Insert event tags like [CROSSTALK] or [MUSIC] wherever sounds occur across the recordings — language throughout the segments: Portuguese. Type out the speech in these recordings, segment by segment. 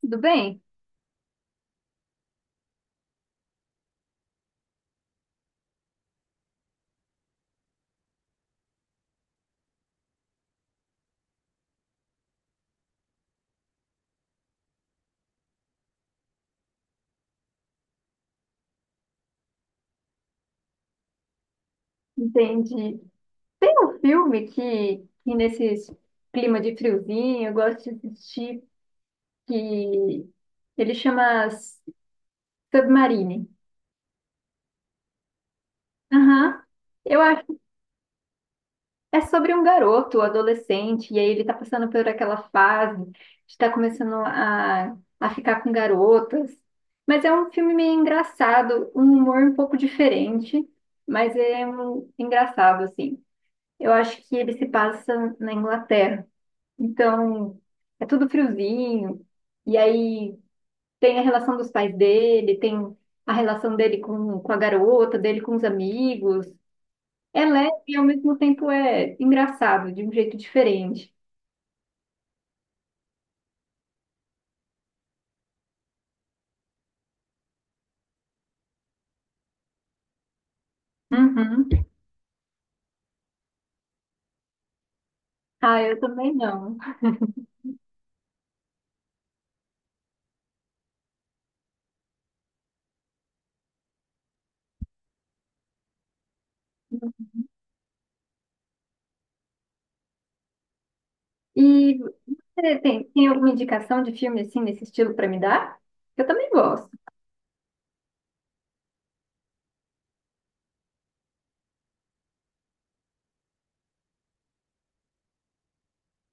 Tudo bem? Entendi. Tem um filme que nesse clima de friozinho eu gosto de assistir, que ele chama Submarine. Aham. Eu acho que é sobre um garoto, adolescente, e aí ele tá passando por aquela fase de estar começando a ficar com garotas. Mas é um filme meio engraçado, um humor um pouco diferente, mas é um, engraçado, assim. Eu acho que ele se passa na Inglaterra. Então, é tudo friozinho. E aí tem a relação dos pais dele, tem a relação dele com a garota, dele com os amigos. É leve e ao mesmo tempo é engraçado, de um jeito diferente. Uhum. Ah, eu também não. E você tem alguma indicação de filme assim nesse estilo para me dar? Eu também gosto.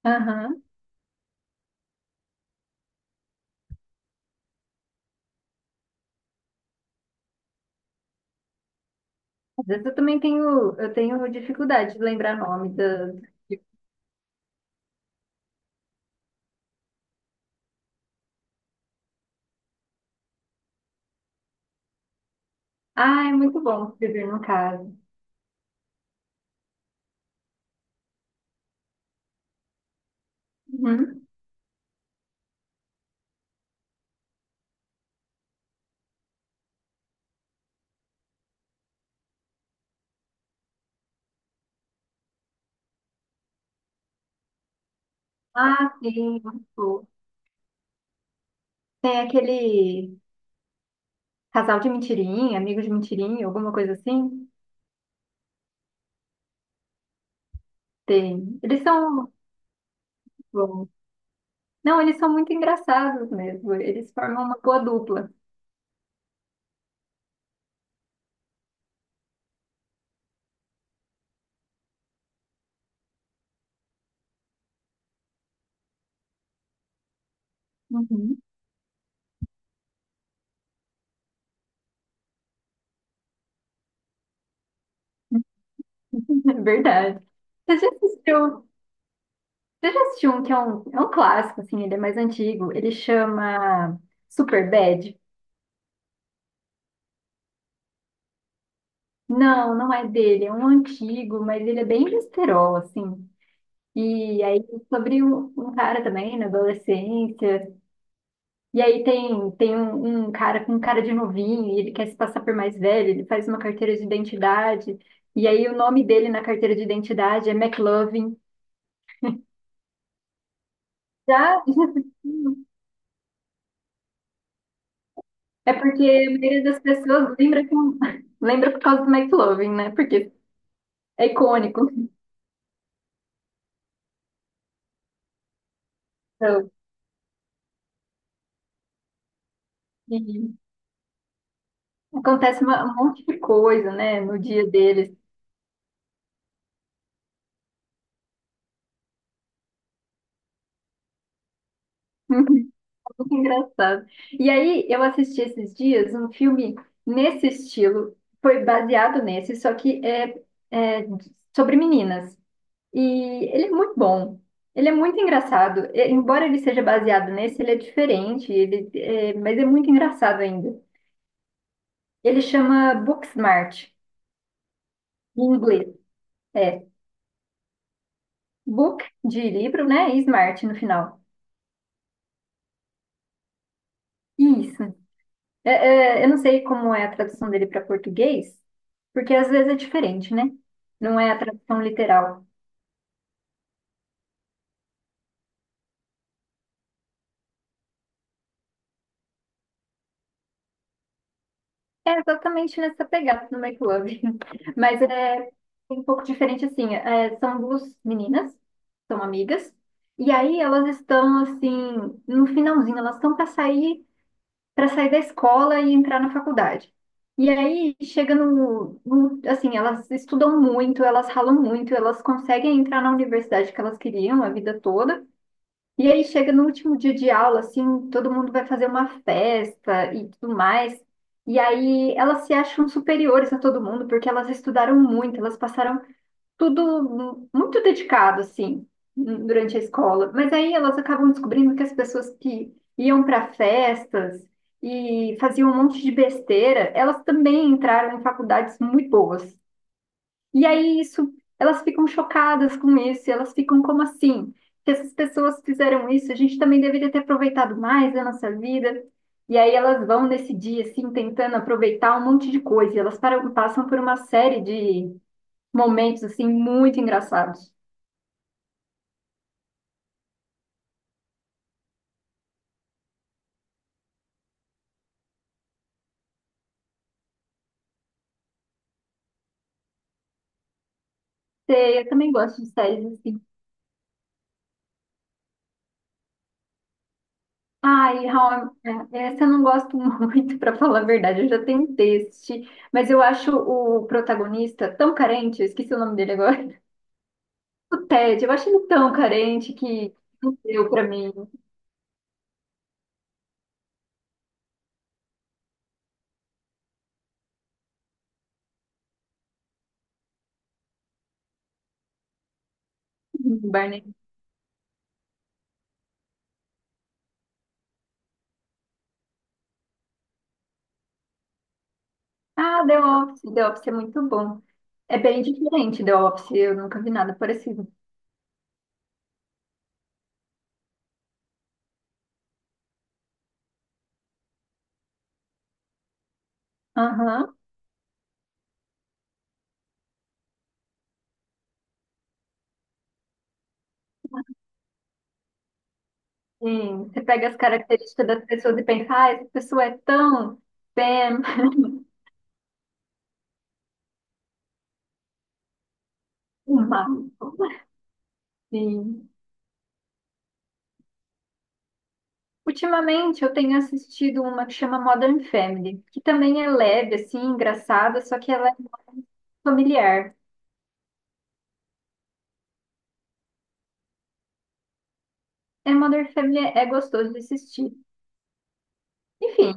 Aham. Às vezes eu também tenho, eu tenho dificuldade de lembrar nome da. Ah, é muito bom escrever no caso. Ah, sim, muito bom. Tem aquele casal de mentirinha, amigo de mentirinha, alguma coisa assim? Tem. Eles são muito bons. Não, eles são muito engraçados mesmo. Eles formam uma boa dupla. Uhum. [LAUGHS] É verdade. Você já assistiu? Você já assistiu um que é um clássico, assim. Ele é mais antigo. Ele chama Superbad? Não, não é dele, é um antigo, mas ele é bem besterol, assim. E aí, sobre um, um cara também, na adolescência. E aí tem, tem um, um cara com cara de novinho, e ele quer se passar por mais velho. Ele faz uma carteira de identidade, e aí o nome dele na carteira de identidade é McLovin. Já é porque a maioria das pessoas lembra, com, [LAUGHS] lembra por causa do McLovin, né? Porque é icônico. Então, e acontece uma um monte de coisa, né, no dia deles. Que engraçado. E aí, eu assisti esses dias um filme nesse estilo. Foi baseado nesse, só que é, é sobre meninas. E ele é muito bom. Ele é muito engraçado. E embora ele seja baseado nesse, ele é diferente, ele, é, mas é muito engraçado ainda. Ele chama Booksmart, em inglês. É, book de livro, né? E smart no final. Isso. É, é, eu não sei como é a tradução dele para português, porque às vezes é diferente, né? Não é a tradução literal. É exatamente nessa pegada do Make Love. [LAUGHS] Mas é um pouco diferente, assim. É, são duas meninas, são amigas, e aí elas estão, assim, no finalzinho. Elas estão para sair da escola e entrar na faculdade. E aí chega no, no assim, elas estudam muito, elas ralam muito, elas conseguem entrar na universidade que elas queriam a vida toda. E aí chega no último dia de aula, assim, todo mundo vai fazer uma festa e tudo mais. E aí elas se acham superiores a todo mundo porque elas estudaram muito, elas passaram tudo mu- muito dedicado, assim, n- durante a escola. Mas aí elas acabam descobrindo que as pessoas que iam para festas e faziam um monte de besteira, elas também entraram em faculdades muito boas. E aí isso, elas ficam chocadas com isso, e elas ficam como assim? Se essas pessoas fizeram isso, a gente também deveria ter aproveitado mais da nossa vida. E aí elas vão nesse dia, assim, tentando aproveitar um monte de coisa. E elas param- passam por uma série de momentos, assim, muito engraçados. Sei, eu também gosto de séries, assim. Ai, How I- é, essa eu não gosto [LAUGHS] muito, para falar a verdade. Eu já tentei assistir, mas eu acho o protagonista tão carente. Eu esqueci o nome dele agora. O Ted, eu achei ele tão carente que não deu pra mim. [LAUGHS] Barney. Ah, The Office. The Office é muito bom. É bem diferente The Office, eu nunca vi nada parecido. Aham. Sim, você pega as características das pessoas e pensa, ah, essa pessoa é tão Pam, uma. Sim. Ultimamente eu tenho assistido uma que chama Modern Family, que também é leve, assim, engraçada, só que ela é familiar. É, Modern Family é gostoso de assistir. Enfim,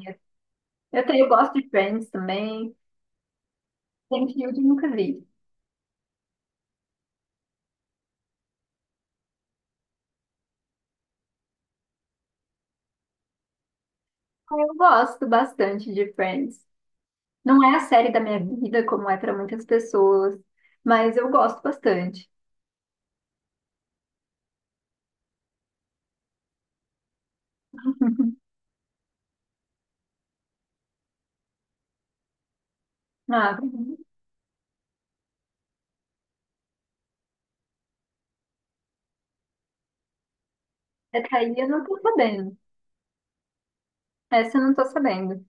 eu, tenho, eu gosto de Friends também. Seinfeld eu nunca vi. Ah, eu gosto bastante de Friends. Não é a série da minha vida, como é para muitas pessoas, mas eu gosto bastante. [LAUGHS] Ah, essa aí eu não tô sabendo. Essa eu não tô sabendo.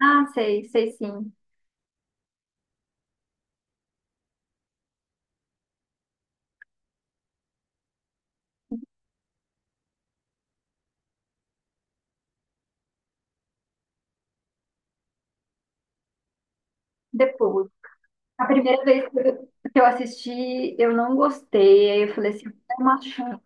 Ah, sei, sei sim. Depois. A primeira vez que eu assisti, eu não gostei. Aí eu falei assim, é uma chance.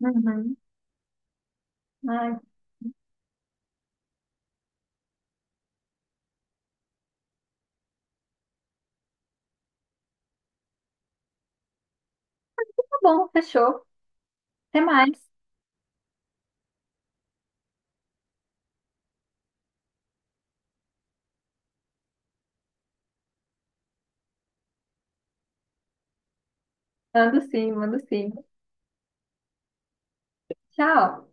Uhum. Ai, tá bom, fechou. Até mais. Mando sim, mando sim. Tchau.